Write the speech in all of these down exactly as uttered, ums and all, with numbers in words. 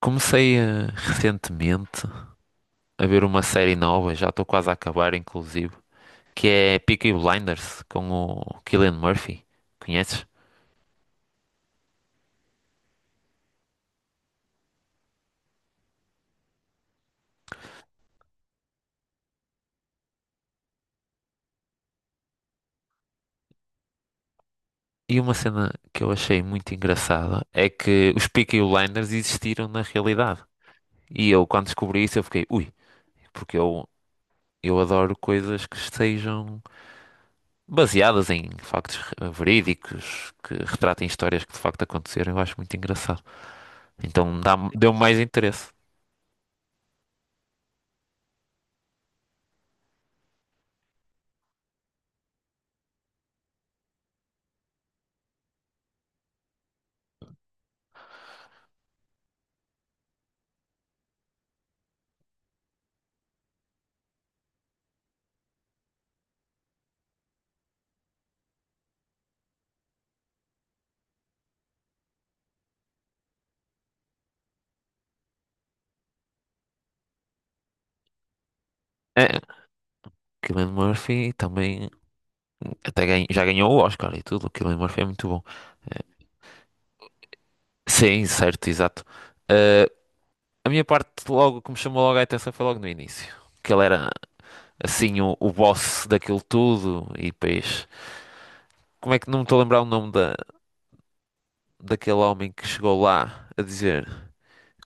Comecei eh, recentemente a ver uma série nova, já estou quase a acabar, inclusive, que é Peaky Blinders com o Cillian Murphy. Conheces? E uma cena que eu achei muito engraçada é que os Peaky Blinders existiram na realidade. E eu, quando descobri isso, eu fiquei, ui, porque eu, eu adoro coisas que estejam baseadas em factos re- verídicos, que retratem histórias que de facto aconteceram. Eu acho muito engraçado. Então dá- deu-me mais interesse. É, Cillian Murphy também Até ganha- já ganhou o Oscar e tudo, aquilo Cillian Murphy foi muito bom. Eh, Sim, certo, exato. Eh, a minha parte, logo, que me chamou logo a atenção foi logo no início. Que ele era, assim, o, o boss daquilo tudo e depois... Como é que não me estou a lembrar o nome da, daquele homem que chegou lá a dizer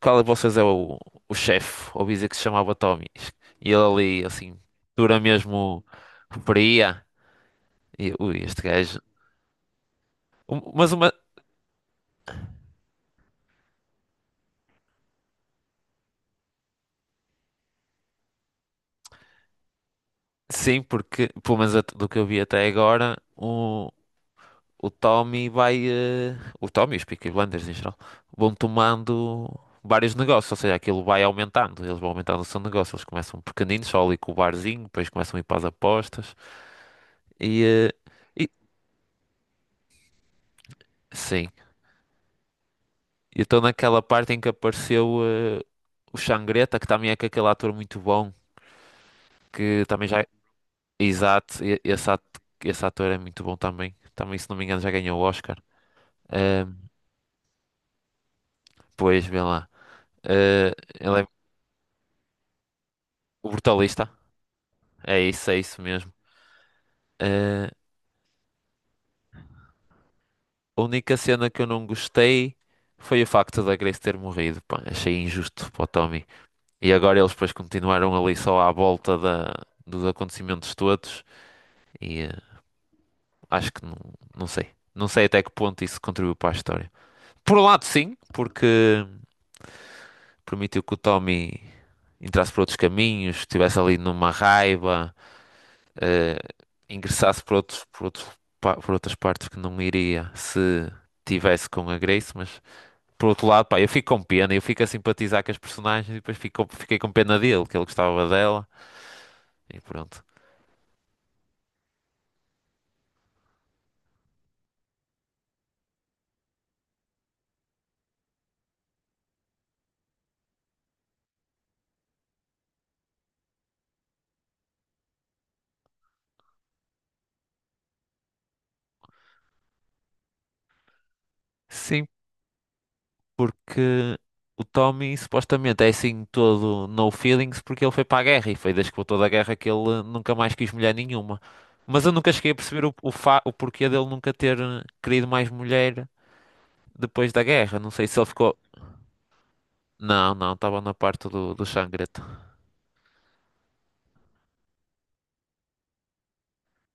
qual de vocês é o, o chefe? Ouvi dizer que se chamava Tommy. E ele ali, assim, dura mesmo, o- E, ui, este gajo... Um- Mas uma, sim, porque, pelo menos at- do que eu vi até agora, o, o Tommy vai. eh, o Tommy e os Peaky Blinders em geral vão tomando vários negócios, ou seja, aquilo vai aumentando. Eles vão aumentando o seu negócio. Eles começam pequeninos, só ali com o barzinho, depois começam a ir para as apostas. E. eh, e sim, eu estou naquela parte em que apareceu eh, o Xangreta, que também é com aquele ator muito bom, que também já. Exato, e- esse, at- esse ator é muito bom também. Também, se não me engano, já ganhou o Oscar. Ahm, Pois, vê lá. Eh, ele é o brutalista. É isso, é isso mesmo. Eh, a única cena que eu não gostei foi o facto da Grace ter morrido. Pá, achei injusto para o Tommy. E agora eles depois continuaram ali só à volta da- dos acontecimentos todos. E eh, acho que não, não sei. Não sei até que ponto isso contribuiu para a história. Por um lado, sim, porque permitiu que o Tommy entrasse por outros caminhos, estivesse ali numa raiva. eh, ingressasse por outros, por outros, pa- por outras partes que não iria se tivesse com a Grace, mas por outro lado, pá, eu fico com pena, eu fico a simpatizar com as personagens e depois fico, fiquei com pena dele, que ele gostava dela e pronto. Sim, porque o Tommy supostamente é assim todo no feelings porque ele foi para a guerra e foi desde que voltou da guerra que ele nunca mais quis mulher nenhuma. Mas eu nunca cheguei a perceber o, o, fa- o porquê dele nunca ter eh, querido mais mulher depois da guerra. Não sei se ele ficou. Não, não, estava na parte do, do Xangreta.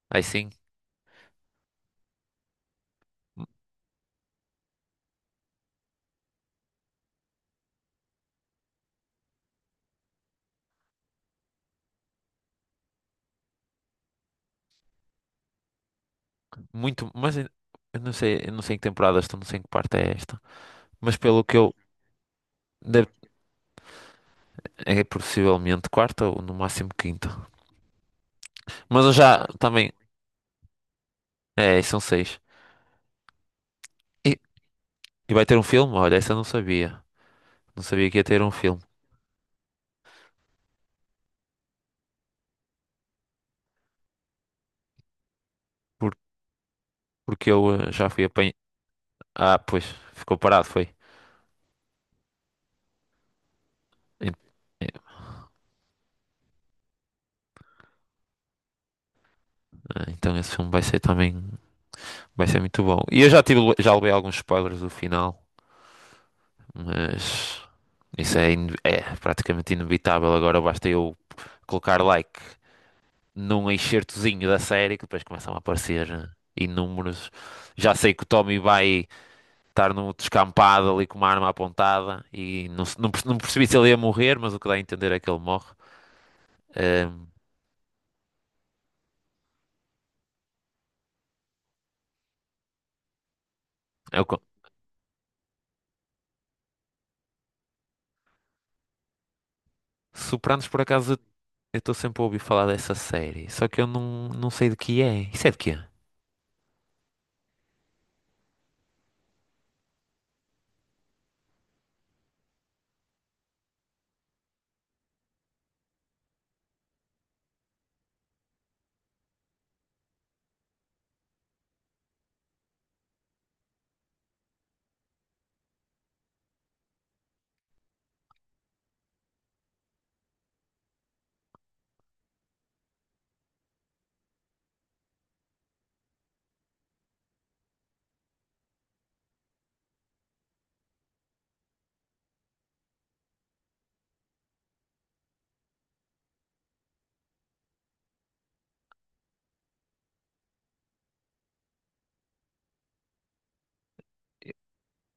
Aí sim, m- muito, mas eu eu não sei, eu não sei em que temporada estou, não sei em que parte é esta. Mas pelo que eu, deve- é possivelmente quarta ou no máximo quinta. Mas eu já também, é, são seis. E, e vai ter um filme? Olha, essa eu não sabia. Não sabia que ia ter um filme. Por- porque eu eh, já fui apanhar. Ah, pois, ficou parado, foi. En- é, ah, então esse filme vai ser também, vai ser muito bom. E eu já tive, já levei alguns spoilers do final, mas. Isso é, ine- é praticamente inevitável. Agora basta eu colocar like num excertozinho da série que depois começam a aparecer né, inúmeros. Já sei que o Tommy vai estar no descampado ali com uma arma apontada e não, se- não, perce- não percebi se ele ia morrer, mas o que dá a entender é que ele morre. Ahm, é o co- Sopranos, por acaso, eu estou sempre a ouvir falar dessa série, só que eu não, não sei de que é. Isso é de quê?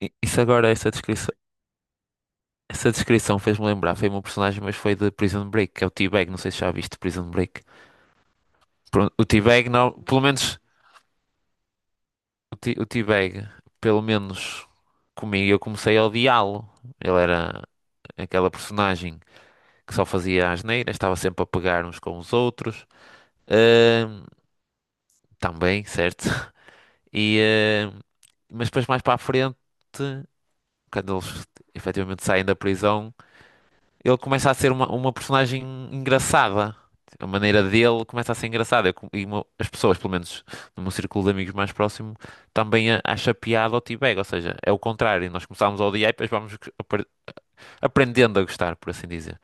I- Isso agora, essa descrição. Essa descrição fez-me lembrar, foi um personagem, mas foi de Prison Break, que é o T-Bag, não sei se já viste Prison Break. Pronto, o T-Bag, não, pelo menos, o T- o T-Bag, pelo menos comigo, eu comecei a odiá-lo. Ele era aquela personagem que só fazia asneiras, estava sempre a pegar uns com os outros. Ahm, também, certo? E, ahm, mas depois mais para a frente, quando eles efetivamente saem da prisão, ele começa a ser uma, uma personagem engraçada. A maneira dele começa a ser engraçada. Eu com- E mo- as pessoas, pelo menos no meu círculo de amigos mais próximo, também a- acha piada ao T-Bag. Ou seja, é o contrário. Nós começámos a odiar e depois vamos g- apre- aprendendo a gostar, por assim dizer.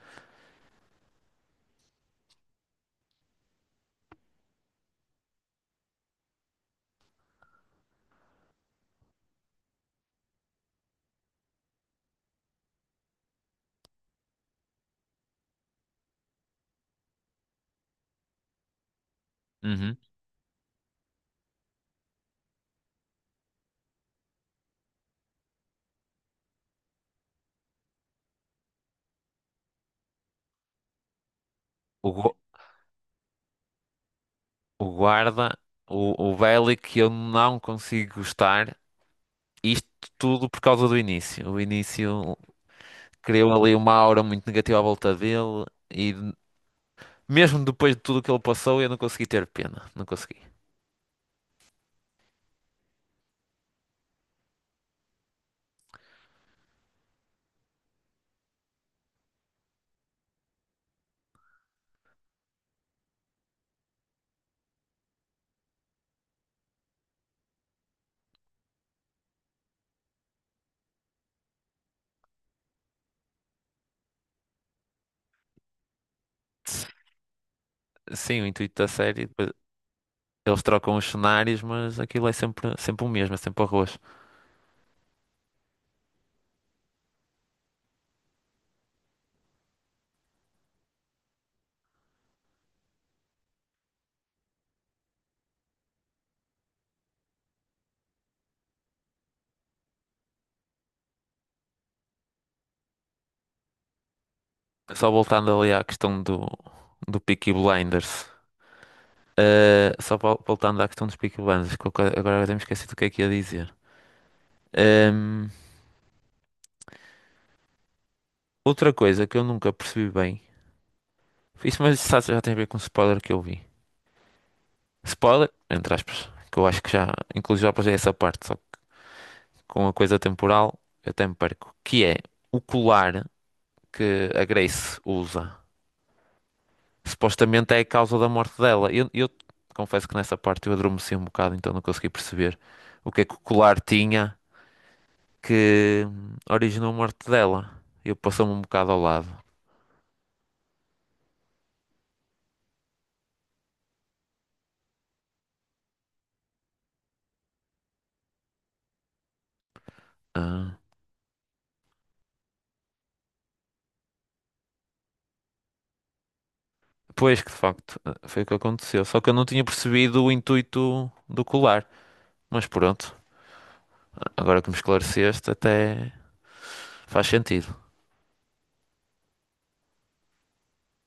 Uhum. O, gu- o guarda, o, o Bellic, eu não consigo gostar. Isto tudo por causa do início. O início criou ali uma aura muito negativa à volta dele. Mesmo depois de tudo o que ele passou, eu não consegui ter pena. Não consegui. Sim, o intuito da série, depois eles trocam os cenários, mas aquilo é sempre, sempre o mesmo, é sempre o arroz. Só voltando ali à questão do, do Peaky Blinders. eh, só vol- voltando à questão dos Peaky Blinders, que eu ca- agora até me esqueci do que é que ia dizer. Ehm, outra coisa que eu nunca percebi bem, isso mas isso já já tem a ver com o spoiler que eu vi. Spoiler, entre aspas, que eu acho que já, inclusive já passei essa parte, só. Com a coisa temporal, eu até me perco. Que é o colar que a Grace usa. Supostamente é a causa da morte dela. Eu, eu confesso que nessa parte eu adormeci um bocado, então não consegui perceber o que é que o colar tinha que originou a morte dela. Eu passou-me um bocado ao lado. Ah, pois que de facto ah, foi o que aconteceu. Só que eu não tinha percebido o intuito do colar. Mas pronto, agora que me esclareceste, até faz sentido.